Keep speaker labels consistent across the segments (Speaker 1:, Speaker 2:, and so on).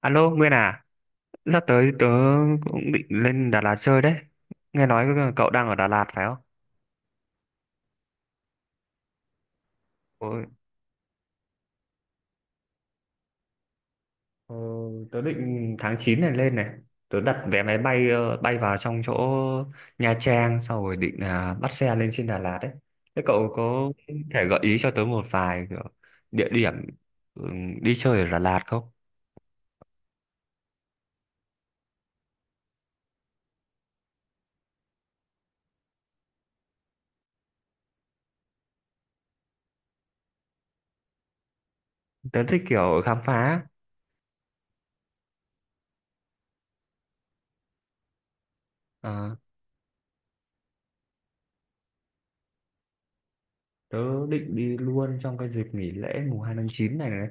Speaker 1: Alo, Nguyên à, sắp tới tớ cũng định lên Đà Lạt chơi đấy. Nghe nói cậu đang ở Đà Lạt phải không? Ôi, ờ, tớ định tháng 9 này lên này. Tớ đặt vé máy bay bay vào trong chỗ Nha Trang sau rồi định là bắt xe lên trên Đà Lạt đấy. Thế cậu có thể gợi ý cho tớ một vài kiểu địa điểm ừ, đi chơi ở Đà Lạt không? Tớ thích kiểu khám phá. Ờ, Tớ định đi luôn trong cái dịp nghỉ lễ mùng 2 tháng 9 này này.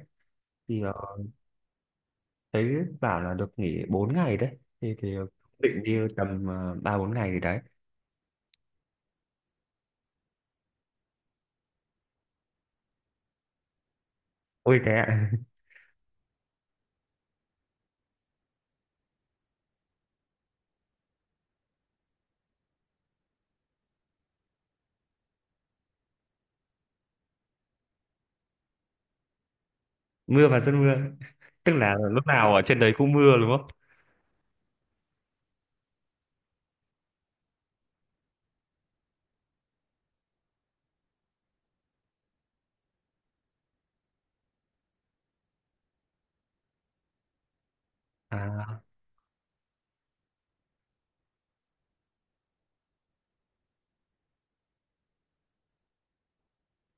Speaker 1: Thấy bảo là được nghỉ 4 ngày đấy thì định đi tầm 3 4 ngày gì đấy. Ôi thế ạ. Mưa và rất mưa, tức là lúc nào ở trên đấy cũng mưa đúng không? À.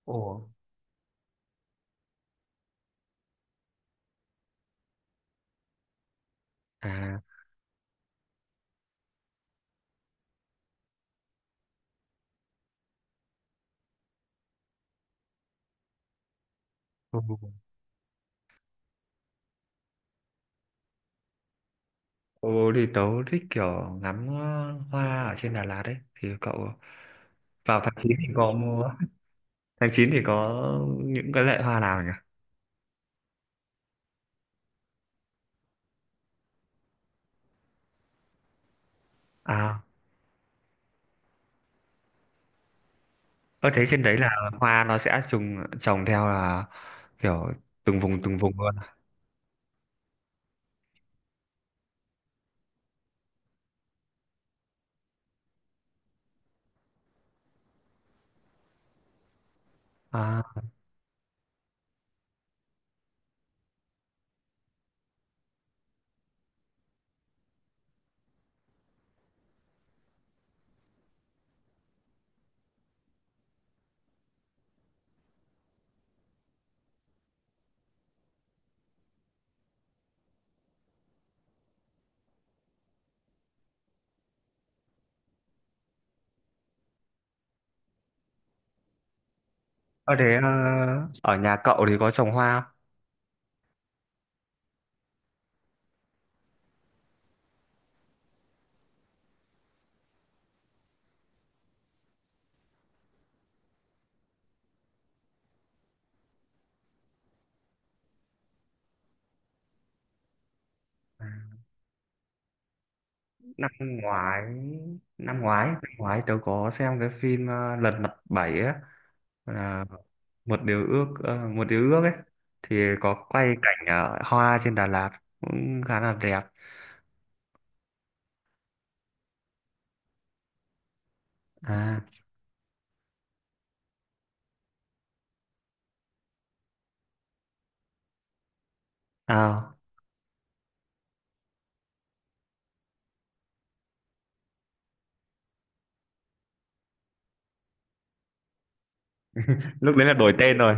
Speaker 1: Ồ. À. ồ, ồ, thì tớ thích kiểu ngắm hoa ở trên Đà Lạt đấy thì cậu vào tháng 9 thì có mua. tháng 9 thì có những cái loại hoa nào nhỉ? À, có thấy trên đấy là hoa nó sẽ trùng trồng theo là kiểu từng vùng luôn. À, Ở thế ờ, ở nhà cậu thì có trồng hoa không? Năm ngoái, năm ngoái, tớ có xem cái phim Lật Mặt 7 á, là một điều ước, một điều ước ấy, thì có quay cảnh hoa trên Đà Lạt cũng khá là đẹp. À, à, lúc đấy là đổi tên rồi.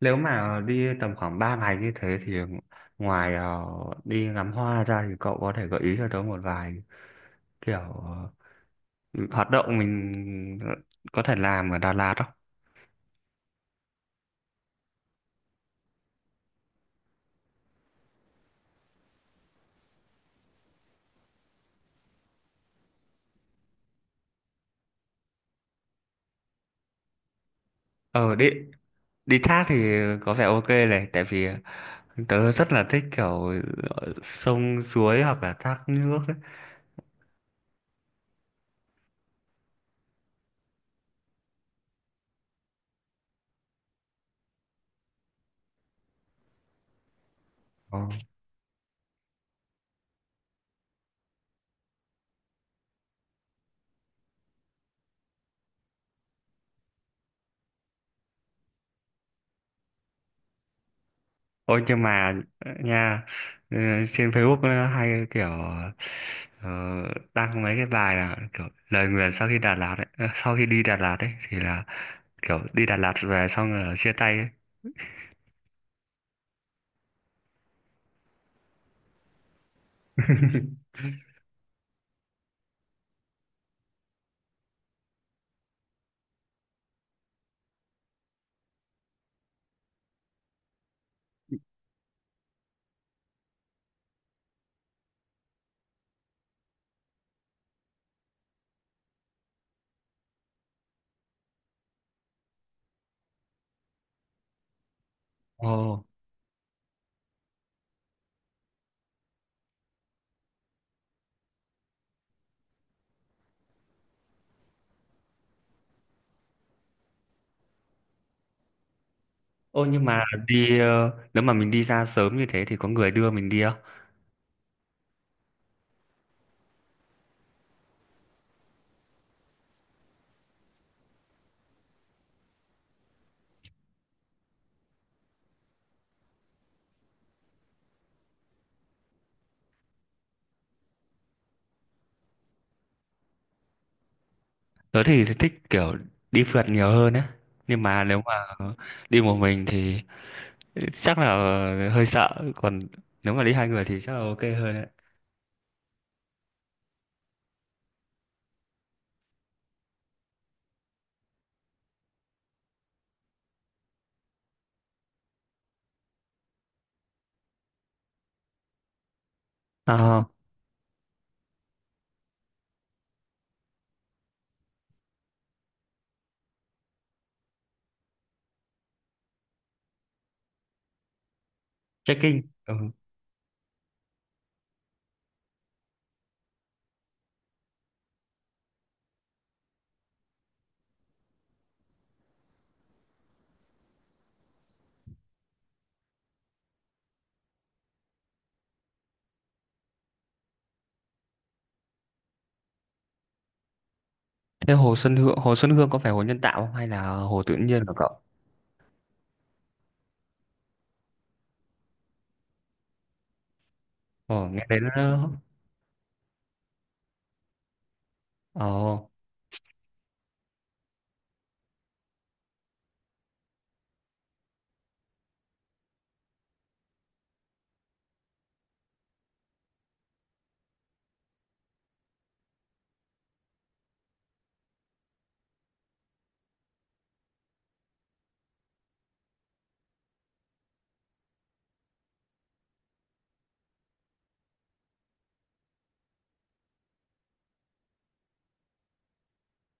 Speaker 1: Nếu mà đi tầm khoảng 3 ngày như thế thì ngoài đi ngắm hoa ra thì cậu có thể gợi ý cho tớ một vài kiểu hoạt động mình có thể làm ở Đà Lạt không? Ờ đi đi thác thì có vẻ ok này tại vì tớ rất là thích kiểu sông suối hoặc là thác nước ấy. Ôi nhưng mà nha, ừ, trên Facebook nó hay kiểu ờ, đăng mấy cái bài là kiểu lời nguyền sau khi Đà Lạt ấy, sau khi đi Đà Lạt ấy thì là kiểu đi Đà Lạt về xong rồi chia tay ấy. Ồ, nhưng mà đi ờ, nếu mà mình đi ra sớm như thế thì có người đưa mình đi không? Tớ thì thích kiểu đi phượt nhiều hơn á. Nhưng mà nếu mà đi một mình thì chắc là hơi sợ, còn nếu mà đi hai người thì chắc là ok hơn đấy. Trekking. Ừ. Thế hồ Xuân Hương có phải hồ nhân tạo không hay là hồ tự nhiên của cậu? Ồ, nghe đến nó- Ồ,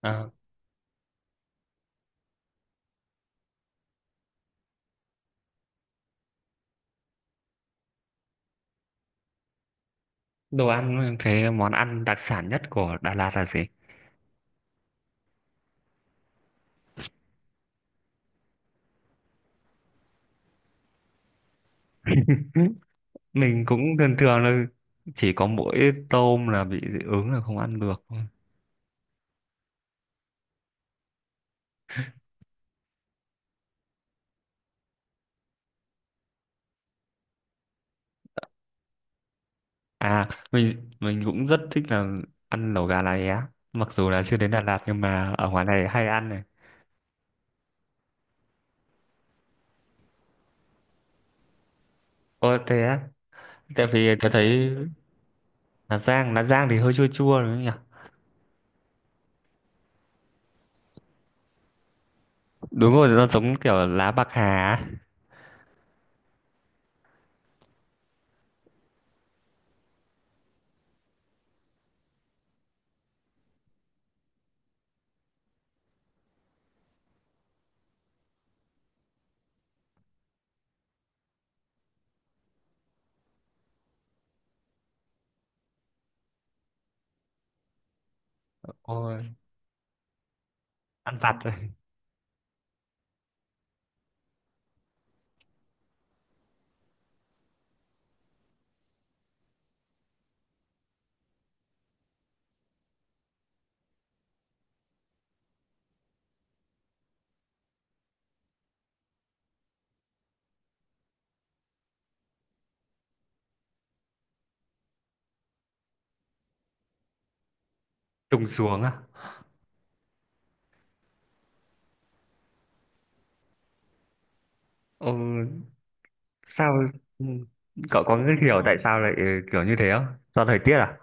Speaker 1: à, đồ ăn, cái món ăn đặc sản nhất của Đà Lạt là gì? Ừ, mình cũng thường thường là chỉ có mỗi tôm là bị dị ứng là không ăn được thôi. À, mình cũng rất thích là ăn lẩu gà lá é. Mặc dù là chưa đến Đà Lạt nhưng mà ở ngoài này hay ăn này. Ồ thế á, tại vì tôi thấy Hà Giang thì hơi chua chua đúng không nhỉ? Đúng rồi, nó giống kiểu lá bạc hà á. Ôi, ăn vặt rồi, trùng xuống á. Ừ, sao ừ, cậu có cái hiểu tại sao lại kiểu như thế không? Do thời tiết à?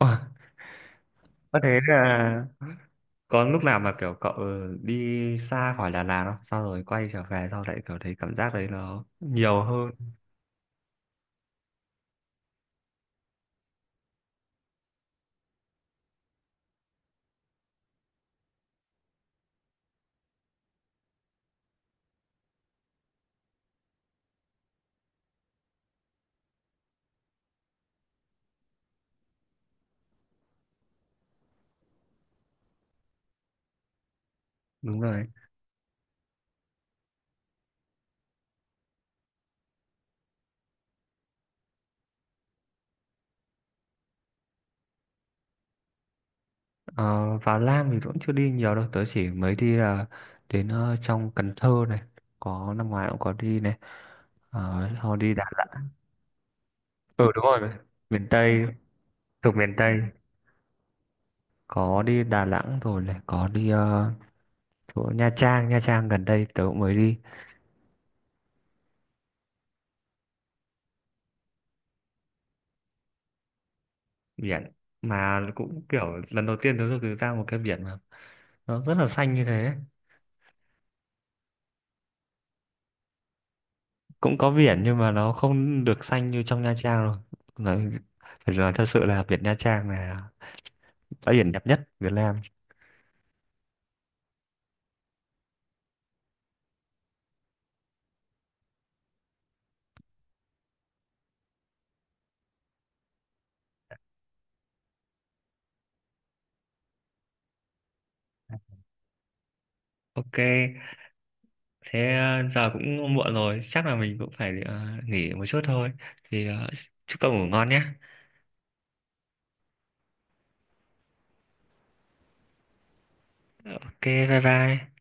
Speaker 1: Ôi, có thế là có lúc nào mà kiểu cậu đi xa khỏi Đà Lạt không? Sau rồi quay trở về sau lại kiểu thấy cảm giác đấy nó nhiều hơn. Đúng rồi. Ờ, Vào Lam thì cũng chưa đi nhiều đâu, tớ chỉ mới đi là đến trong Cần Thơ này, có năm ngoái cũng có đi này. Ờ, sau đi đà. Ừ, đúng rồi, miền Tây thuộc miền Tây, có đi Đà Nẵng rồi này, có đi chỗ Nha Trang gần đây tớ cũng mới đi. Biển mà cũng kiểu lần đầu tiên tớ được ra một cái biển mà nó rất là xanh như thế. Cũng có biển nhưng mà nó không được xanh như trong Nha Trang rồi. nói, Phải nói thật sự là biển Nha Trang là bãi biển đẹp nhất Việt Nam. Ok, thế giờ cũng muộn rồi, chắc là mình cũng phải nghỉ một chút thôi. Thì chúc cậu ngủ ngon nhé. Ok, bye bye.